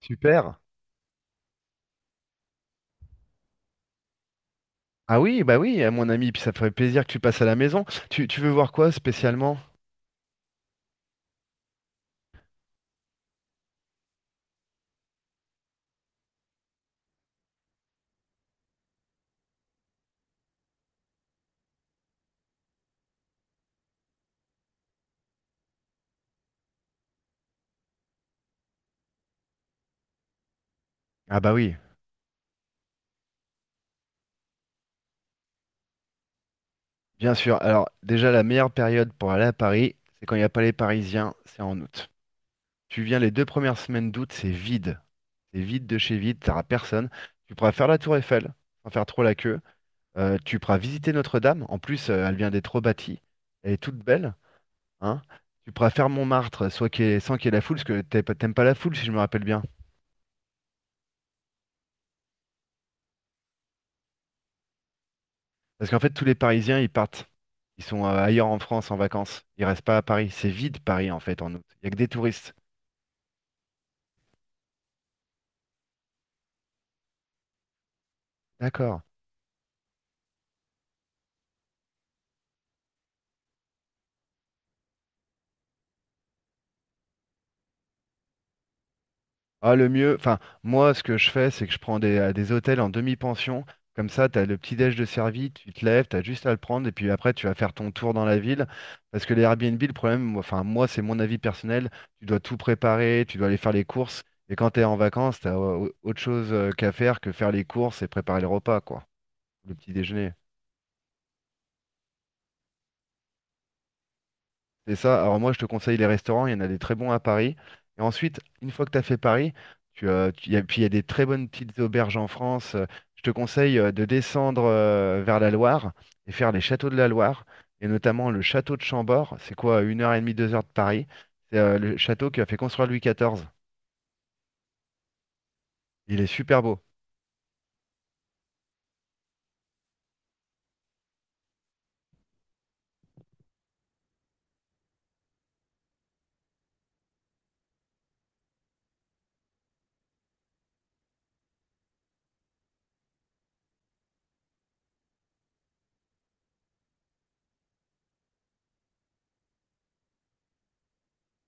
Super. Ah oui, bah oui, mon ami, puis ça ferait plaisir que tu passes à la maison. Tu veux voir quoi spécialement? Ah bah oui, bien sûr. Alors déjà, la meilleure période pour aller à Paris, c'est quand il n'y a pas les Parisiens, c'est en août. Tu viens les deux premières semaines d'août, c'est vide. C'est vide de chez vide, t'auras personne. Tu pourras faire la tour Eiffel, sans faire trop la queue. Tu pourras visiter Notre-Dame. En plus, elle vient d'être rebâtie. Elle est toute belle, hein. Tu pourras faire Montmartre, soit qu'il y ait- sans qu'il y ait la foule, parce que t'aimes pas la foule, si je me rappelle bien. Parce qu'en fait, tous les Parisiens, ils partent. Ils sont ailleurs en France en vacances. Ils restent pas à Paris. C'est vide Paris en fait en août. Il n'y a que des touristes. D'accord. Ah, le mieux, enfin, moi, ce que je fais, c'est que je prends à des hôtels en demi-pension. Comme ça, tu as le petit déj de servi, tu te lèves, tu as juste à le prendre, et puis après, tu vas faire ton tour dans la ville. Parce que les Airbnb, le problème, enfin, moi, c'est mon avis personnel. Tu dois tout préparer, tu dois aller faire les courses. Et quand tu es en vacances, tu as autre chose qu'à faire que faire les courses et préparer le repas, quoi. Le petit déjeuner. C'est ça. Alors moi, je te conseille les restaurants. Il y en a des très bons à Paris. Et ensuite, une fois que tu as fait Paris, puis il y a des très bonnes petites auberges en France. Je te conseille de descendre vers la Loire et faire les châteaux de la Loire, et notamment le château de Chambord. C'est quoi, 1 heure et demie, 2 heures de Paris. C'est le château qu'a fait construire Louis XIV. Il est super beau.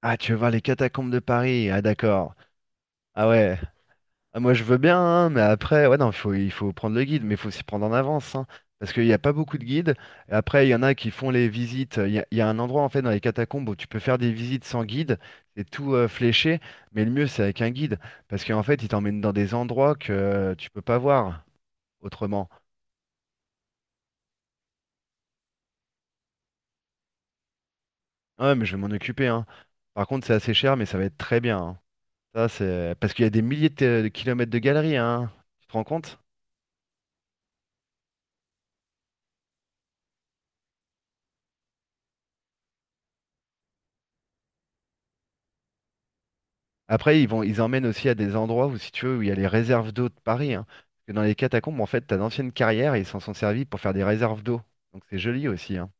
Ah, tu veux voir les catacombes de Paris? Ah, d'accord. Ah ouais. Ah, moi, je veux bien, hein, mais après, ouais, non, il faut prendre le guide, mais il faut s'y prendre en avance, hein, parce qu'il n'y a pas beaucoup de guides. Et après, il y en a qui font les visites. Il y a un endroit, en fait, dans les catacombes où tu peux faire des visites sans guide. C'est tout fléché, mais le mieux, c'est avec un guide, parce qu'en fait, il t'emmène dans des endroits que tu peux pas voir autrement. Ah ouais, mais je vais m'en occuper, hein. Par contre, c'est assez cher, mais ça va être très bien. Hein. Ça, c'est parce qu'il y a des milliers de kilomètres de galeries, hein. Tu te rends compte? Après, ils emmènent aussi à des endroits où, si tu veux, où il y a les réserves d'eau de Paris. Hein. Parce que dans les catacombes, en fait, t'as d'anciennes carrières et ils s'en sont servis pour faire des réserves d'eau. Donc c'est joli aussi. Hein.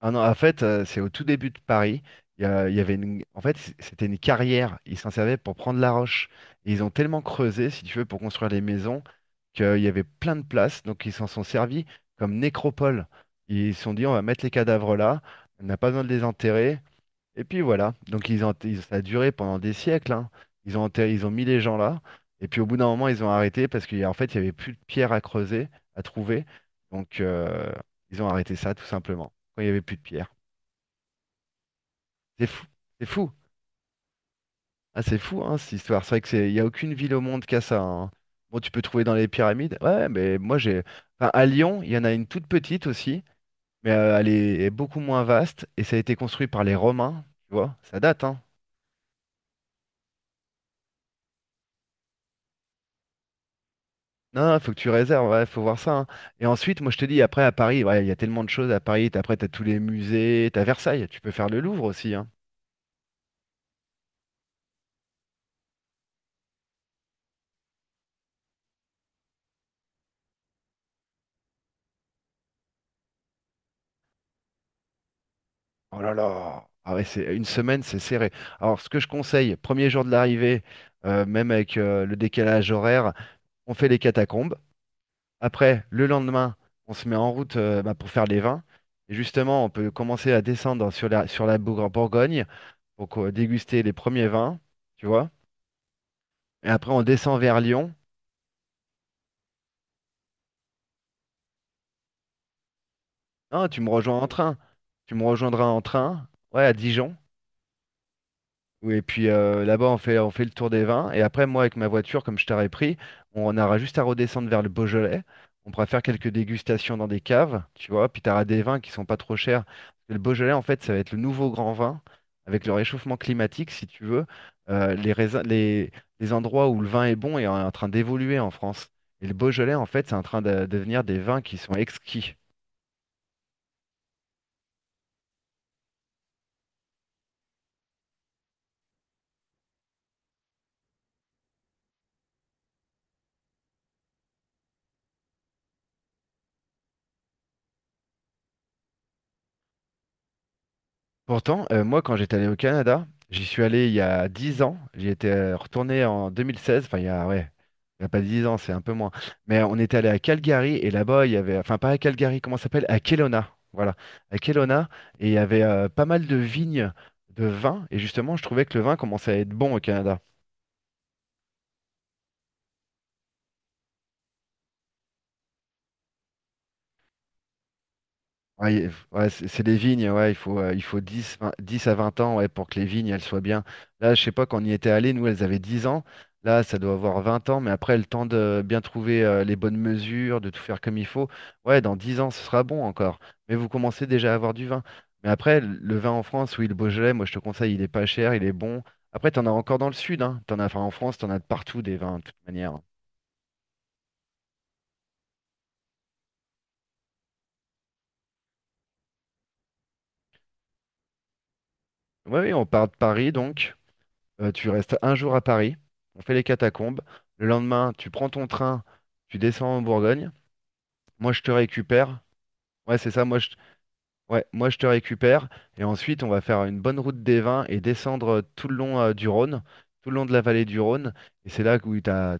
Ah non, en fait, c'est au tout début de Paris. Il y avait une... En fait, c'était une carrière. Ils s'en servaient pour prendre la roche. Et ils ont tellement creusé, si tu veux, pour construire les maisons, qu'il y avait plein de places. Donc ils s'en sont servis comme nécropole. Ils se sont dit, on va mettre les cadavres là. On n'a pas besoin de les enterrer. Et puis voilà, donc ça a duré pendant des siècles, hein. Ils ont mis les gens là, et puis au bout d'un moment, ils ont arrêté parce qu'en fait, il y avait plus de pierres à creuser, à trouver. Donc ils ont arrêté ça tout simplement, quand il y avait plus de pierres. C'est fou, c'est fou. Ah, c'est fou, hein, cette histoire. C'est vrai que c'est, il n'y a aucune ville au monde qui a ça. Hein. Bon, tu peux trouver dans les pyramides. Ouais, mais moi j'ai. Enfin, à Lyon, il y en a une toute petite aussi, mais elle est beaucoup moins vaste, et ça a été construit par les Romains, tu vois, ça date, hein. Non, faut que tu réserves, ouais, faut voir ça. Hein. Et ensuite, moi je te dis, après à Paris, ouais, il y a tellement de choses à Paris. Après, t'as tous les musées, t'as Versailles, tu peux faire le Louvre aussi. Hein. Oh là là! Ah ouais, c'est une semaine, c'est serré. Alors, ce que je conseille, premier jour de l'arrivée, même avec le décalage horaire, on fait les catacombes. Après, le lendemain, on se met en route bah, pour faire les vins. Et justement, on peut commencer à descendre sur la Bourgogne pour déguster les premiers vins, tu vois. Et après, on descend vers Lyon. Non, tu me rejoins en train. Tu me rejoindras en train, ouais, à Dijon. Et puis là-bas, on fait le tour des vins. Et après, moi, avec ma voiture, comme je t'aurais pris, on aura juste à redescendre vers le Beaujolais. On pourra faire quelques dégustations dans des caves, tu vois. Puis tu auras des vins qui sont pas trop chers. Parce que le Beaujolais, en fait, ça va être le nouveau grand vin. Avec le réchauffement climatique, si tu veux, euh, les, raisins- les, les endroits où le vin est bon est en train d'évoluer en France. Et le Beaujolais, en fait, c'est en train de devenir des vins qui sont exquis. Pourtant, moi, quand j'étais allé au Canada, j'y suis allé il y a 10 ans. J'y étais retourné en 2016. Enfin, ouais, il y a pas 10 ans, c'est un peu moins. Mais on était allé à Calgary et là-bas, il y avait, enfin, pas à Calgary, comment ça s'appelle? À Kelowna. Voilà, à Kelowna. Et il y avait pas mal de vignes de vin. Et justement, je trouvais que le vin commençait à être bon au Canada. Ouais, ouais, c'est des vignes, ouais, il faut 10 20 10 à 20 ans ouais, pour que les vignes elles soient bien. Là, je sais pas, quand on y était allé, nous, elles avaient 10 ans. Là, ça doit avoir 20 ans, mais après, le temps de bien trouver les bonnes mesures, de tout faire comme il faut. Ouais, dans 10 ans, ce sera bon encore. Mais vous commencez déjà à avoir du vin. Mais après, le vin en France, oui, le Beaujolais, moi, je te conseille, il est pas cher, il est bon. Après, t'en as encore dans le sud, hein. T'en as, enfin, en France, t'en as de partout des vins, de toute manière. Oui, oui, on part de Paris, donc. Tu restes un jour à Paris, on fait les catacombes. Le lendemain, tu prends ton train, tu descends en Bourgogne. Moi, je te récupère. Ouais, c'est ça. Moi, je... ouais, moi, je te récupère. Et ensuite, on va faire une bonne route des vins et descendre tout le long du Rhône, tout le long de la vallée du Rhône. Et c'est là où tu as,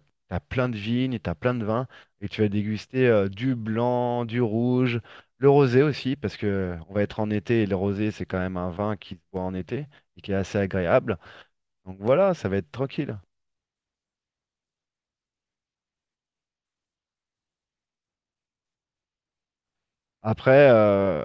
plein de vignes, tu as plein de vins. Et tu vas déguster du blanc, du rouge, le rosé aussi, parce que on va être en été et le rosé, c'est quand même un vin qui se boit en été et qui est assez agréable. Donc voilà, ça va être tranquille. Après,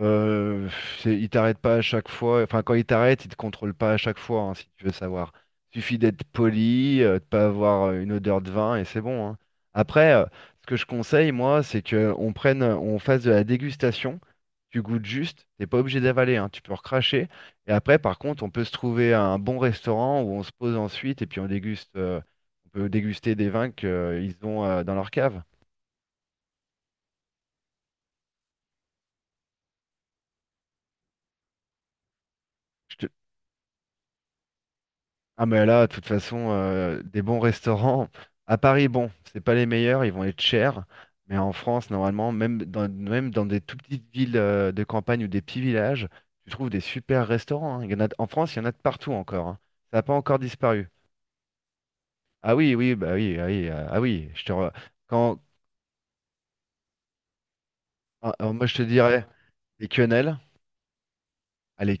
euh, il t'arrête pas à chaque fois. Enfin, quand il t'arrête, il te contrôle pas à chaque fois, hein, si tu veux savoir. Suffit d'être poli, de pas avoir une odeur de vin et c'est bon. Hein. Après, ce que je conseille, moi, c'est que on fasse de la dégustation. Tu goûtes juste, t'es pas obligé d'avaler, hein, tu peux recracher. Et après, par contre, on peut se trouver un bon restaurant où on se pose ensuite et puis on peut déguster des vins qu'ils ont dans leur cave. Ah mais là, de toute façon, des bons restaurants. À Paris, bon, c'est pas les meilleurs, ils vont être chers. Mais en France, normalement, même dans des toutes petites villes de campagne ou des petits villages, tu trouves des super restaurants. Hein. Il y en a, en France, il y en a de partout encore. Hein. Ça n'a pas encore disparu. Ah oui, oui, bah oui, ah oui, ah oui. Quand, ah, ah, moi, je te dirais les quenelles. Ah, les,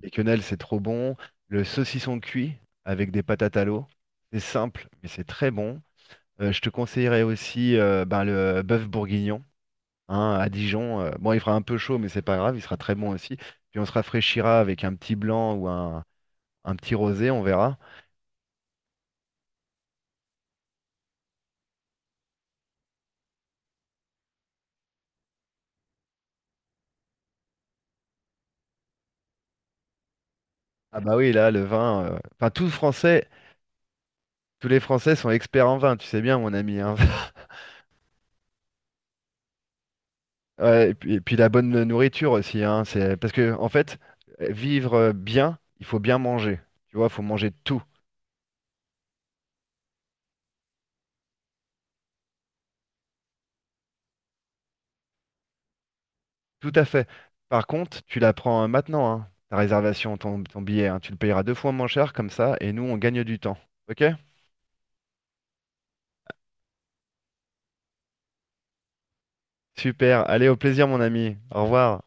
les quenelles, c'est trop bon. Le saucisson cuit avec des patates à l'eau. C'est simple, mais c'est très bon. Je te conseillerais aussi ben, le bœuf bourguignon hein, à Dijon. Bon, il fera un peu chaud, mais c'est pas grave, il sera très bon aussi. Puis on se rafraîchira avec un petit blanc ou un petit rosé, on verra. Ah bah oui, là, le vin. Enfin, tous les Français sont experts en vin, tu sais bien, mon ami. Hein. Ouais, et puis la bonne nourriture aussi, hein, c'est parce que en fait, vivre bien, il faut bien manger. Tu vois, il faut manger de tout. Tout à fait. Par contre, tu la prends maintenant, hein, ta réservation, ton billet, hein. Tu le payeras deux fois moins cher comme ça, et nous, on gagne du temps. Ok? Super. Allez, au plaisir, mon ami. Au revoir.